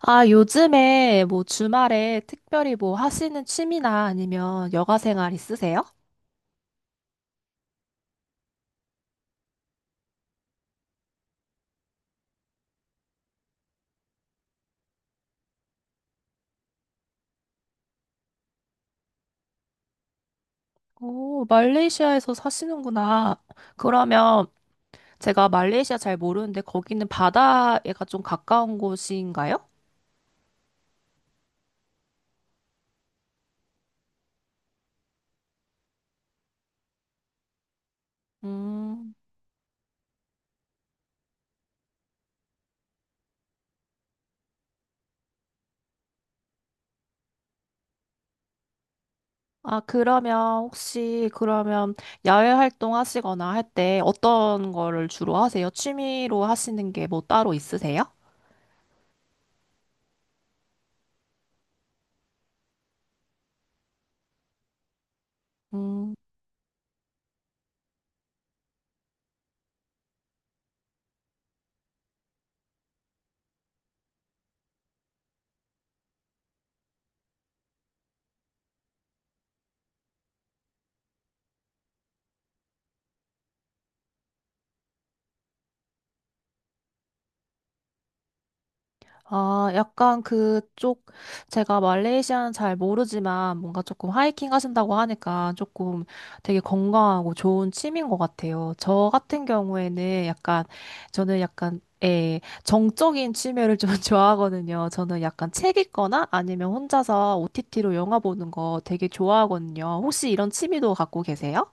아, 요즘에 뭐 주말에 특별히 뭐 하시는 취미나 아니면 여가 생활 있으세요? 오, 말레이시아에서 사시는구나. 그러면 제가 말레이시아 잘 모르는데 거기는 바다에가 좀 가까운 곳인가요? 음. 아, 그러면 혹시 그러면 야외 활동 하시거나 할 때 어떤 거를 주로 하세요? 취미로 하시는 게 뭐 따로 있으세요? 음. 아, 약간 그쪽, 제가 말레이시아는 잘 모르지만 뭔가 조금 하이킹 하신다고 하니까 조금 되게 건강하고 좋은 취미인 것 같아요. 저 같은 경우에는 약간, 저는 약간, 예, 정적인 취미를 좀 좋아하거든요. 저는 약간 책 읽거나 아니면 혼자서 OTT로 영화 보는 거 되게 좋아하거든요. 혹시 이런 취미도 갖고 계세요?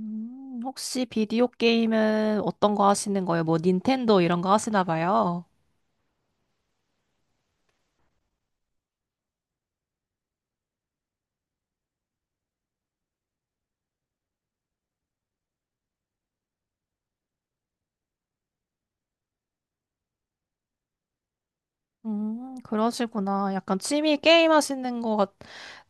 혹시 비디오 게임은 어떤 거 하시는 거예요? 뭐 닌텐도 이런 거 하시나 봐요. 그러시구나. 약간 취미 게임 하시는 것 같,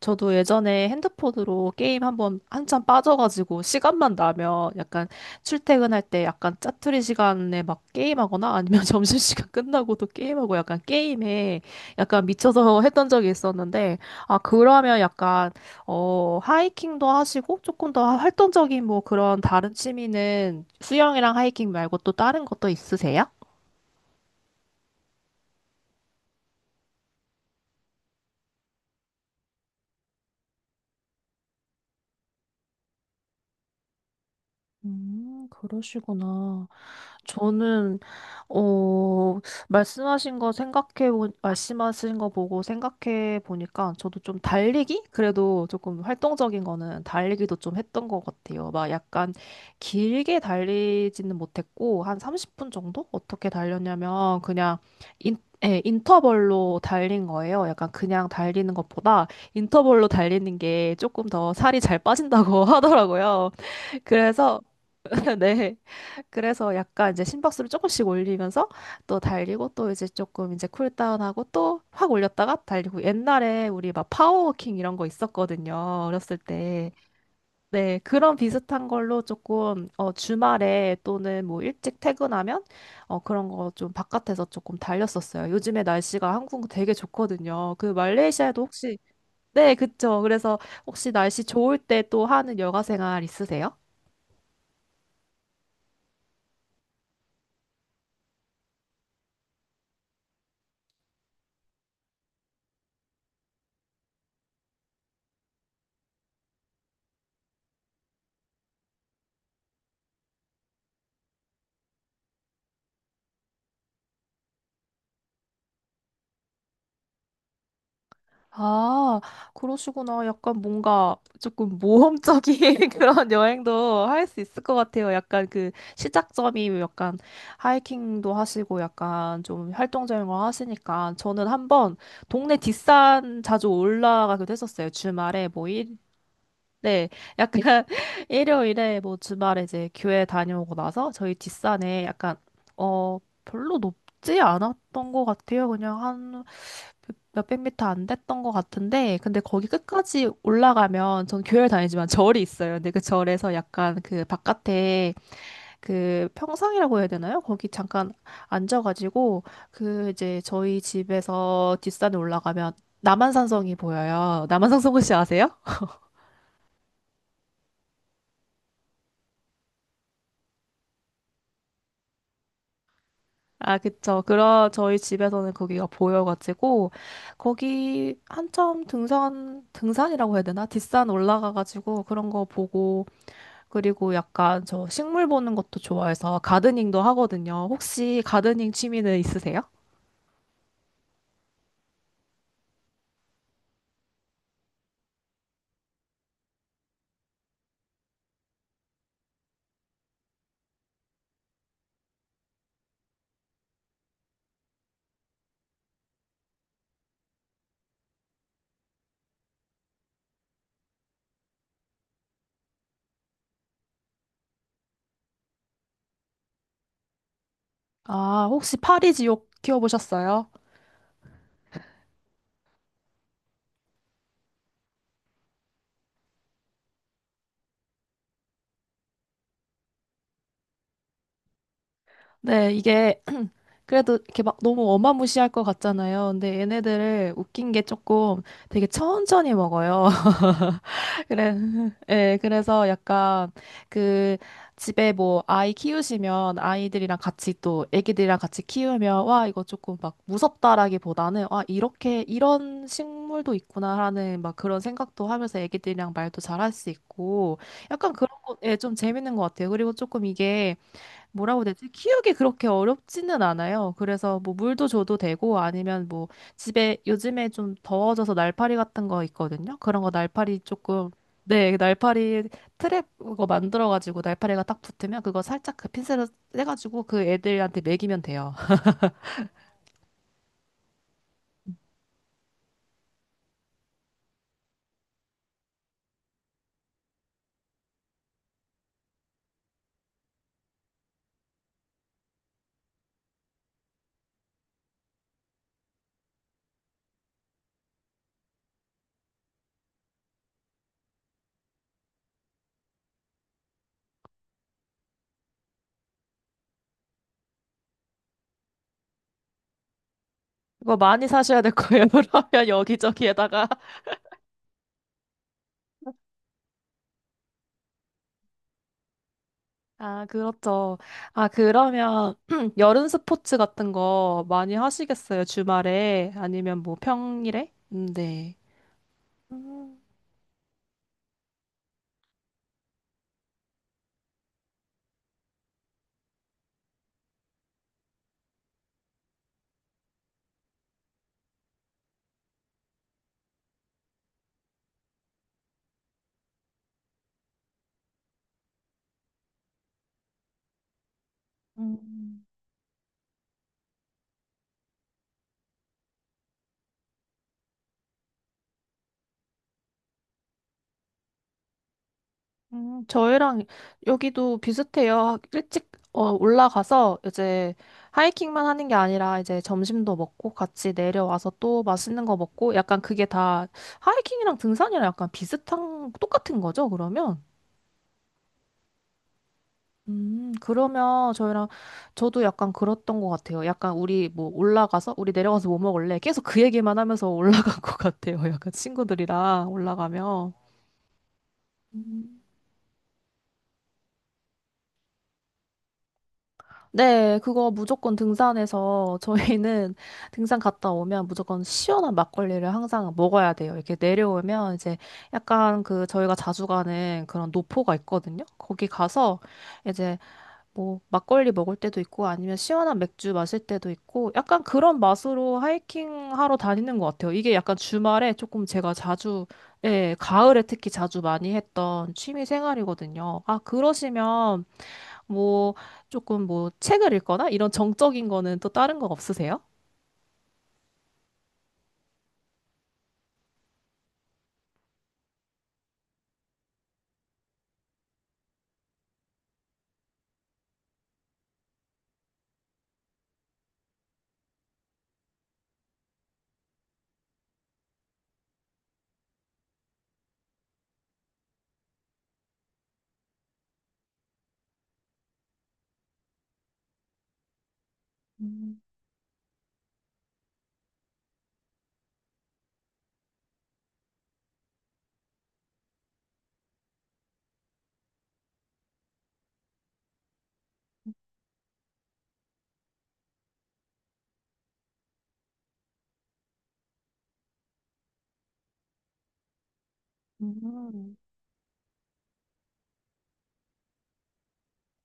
저도 예전에 핸드폰으로 게임 한번 한참 빠져가지고 시간만 나면 약간 출퇴근할 때 약간 짜투리 시간에 막 게임하거나 아니면 점심시간 끝나고도 게임하고 약간 게임에 약간 미쳐서 했던 적이 있었는데, 아, 그러면 약간, 어, 하이킹도 하시고 조금 더 활동적인 뭐 그런 다른 취미는 수영이랑 하이킹 말고 또 다른 것도 있으세요? 그러시구나. 저는 어 말씀하신 거 보고 생각해 보니까 저도 좀 달리기 그래도 조금 활동적인 거는 달리기도 좀 했던 것 같아요. 막 약간 길게 달리지는 못했고 한 30분 정도 어떻게 달렸냐면 그냥 인 예, 인터벌로 달린 거예요. 약간 그냥 달리는 것보다 인터벌로 달리는 게 조금 더 살이 잘 빠진다고 하더라고요. 그래서 네. 그래서 약간 이제 심박수를 조금씩 올리면서 또 달리고 또 이제 조금 이제 쿨다운하고 또 확 올렸다가 달리고 옛날에 우리 막 파워워킹 이런 거 있었거든요. 어렸을 때. 네. 그런 비슷한 걸로 조금 어, 주말에 또는 뭐 일찍 퇴근하면 어, 그런 거 좀 바깥에서 조금 달렸었어요. 요즘에 날씨가 한국 되게 좋거든요. 그 말레이시아에도 혹시 네, 그쵸. 그래서 혹시 날씨 좋을 때 또 하는 여가 생활 있으세요? 아, 그러시구나. 약간 뭔가 조금 모험적인 그런 여행도 할 수 있을 것 같아요. 약간 그 시작점이 약간 하이킹도 하시고 약간 좀 활동적인 걸 하시니까 저는 한번 동네 뒷산 자주 올라가기도 했었어요. 주말에 뭐 일, 네, 약간 일요일에 뭐 주말에 이제 교회 다녀오고 나서 저희 뒷산에 약간 어 별로 높지 않았던 것 같아요. 그냥 몇백 미터 안 됐던 것 같은데, 근데 거기 끝까지 올라가면, 전 교회를 다니지만 절이 있어요. 근데 그 절에서 약간 그 바깥에 그 평상이라고 해야 되나요? 거기 잠깐 앉아가지고, 그 이제 저희 집에서 뒷산에 올라가면 남한산성이 보여요. 남한산성 혹시 아세요? 아, 그쵸. 그런 저희 집에서는 거기가 보여가지고, 거기 한참 등산, 등산이라고 해야 되나? 뒷산 올라가가지고 그런 거 보고, 그리고 약간 저 식물 보는 것도 좋아해서 가드닝도 하거든요. 혹시 가드닝 취미는 있으세요? 아, 혹시 파리지옥 키워보셨어요? 네, 이게 그래도 이렇게 막 너무 어마무시할 것 같잖아요. 근데 얘네들을 웃긴 게 조금 되게 천천히 먹어요. 그래, 예, 그래서 약간 그 집에 뭐 아이 키우시면 아이들이랑 같이 또 애기들이랑 같이 키우면 와, 이거 조금 막 무섭다라기보다는 아, 이렇게 이런 식물도 있구나라는 막 그런 생각도 하면서 애기들이랑 말도 잘할 수 있고 약간 그런 거, 예, 좀 재밌는 것 같아요. 그리고 조금 이게 뭐라고 해야 되지? 키우기 그렇게 어렵지는 않아요. 그래서 뭐 물도 줘도 되고 아니면 뭐 집에 요즘에 좀 더워져서 날파리 같은 거 있거든요. 그런 거 날파리 조금 네, 날파리 트랩 그거 만들어 가지고 날파리가 딱 붙으면 그거 살짝 그 핀셋을 떼 가지고 그 애들한테 먹이면 돼요. 그거 많이 사셔야 될 거예요. 그러면 여기저기에다가 아, 그렇죠. 아, 그러면 여름 스포츠 같은 거 많이 하시겠어요? 주말에 아니면 뭐 평일에? 네. 음, 음, 저희랑 여기도 비슷해요. 일찍 어, 올라가서 이제 하이킹만 하는 게 아니라 이제 점심도 먹고 같이 내려와서 또 맛있는 거 먹고 약간 그게 다 하이킹이랑 등산이랑 약간 비슷한 똑같은 거죠, 그러면? 그러면 저희랑 저도 약간 그랬던 것 같아요. 약간 우리 뭐 올라가서 우리 내려가서 뭐 먹을래? 계속 그 얘기만 하면서 올라간 것 같아요. 약간 친구들이랑 올라가면. 네, 그거 무조건 등산해서 저희는 등산 갔다 오면 무조건 시원한 막걸리를 항상 먹어야 돼요. 이렇게 내려오면 이제 약간 그 저희가 자주 가는 그런 노포가 있거든요. 거기 가서 이제 뭐 막걸리 먹을 때도 있고 아니면 시원한 맥주 마실 때도 있고 약간 그런 맛으로 하이킹 하러 다니는 것 같아요. 이게 약간 주말에 조금 제가 자주 예, 가을에 특히 자주 많이 했던 취미 생활이거든요. 아, 그러시면 뭐 조금 뭐 책을 읽거나 이런 정적인 거는 또 다른 거 없으세요? 음.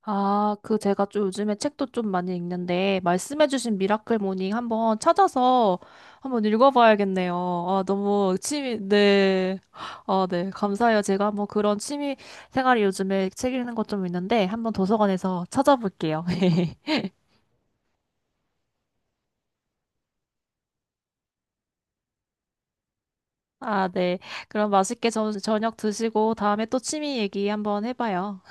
아, 그 제가 좀 요즘에 책도 좀 많이 읽는데 말씀해주신 미라클 모닝 한번 찾아서 한번 읽어봐야겠네요. 아, 너무 취미, 네. 아, 네. 감사해요. 제가 뭐 그런 취미 생활이 요즘에 책 읽는 것 좀 있는데 한번 도서관에서 찾아볼게요. 아, 네. 그럼 맛있게 저녁 드시고 다음에 또 취미 얘기 한번 해봐요.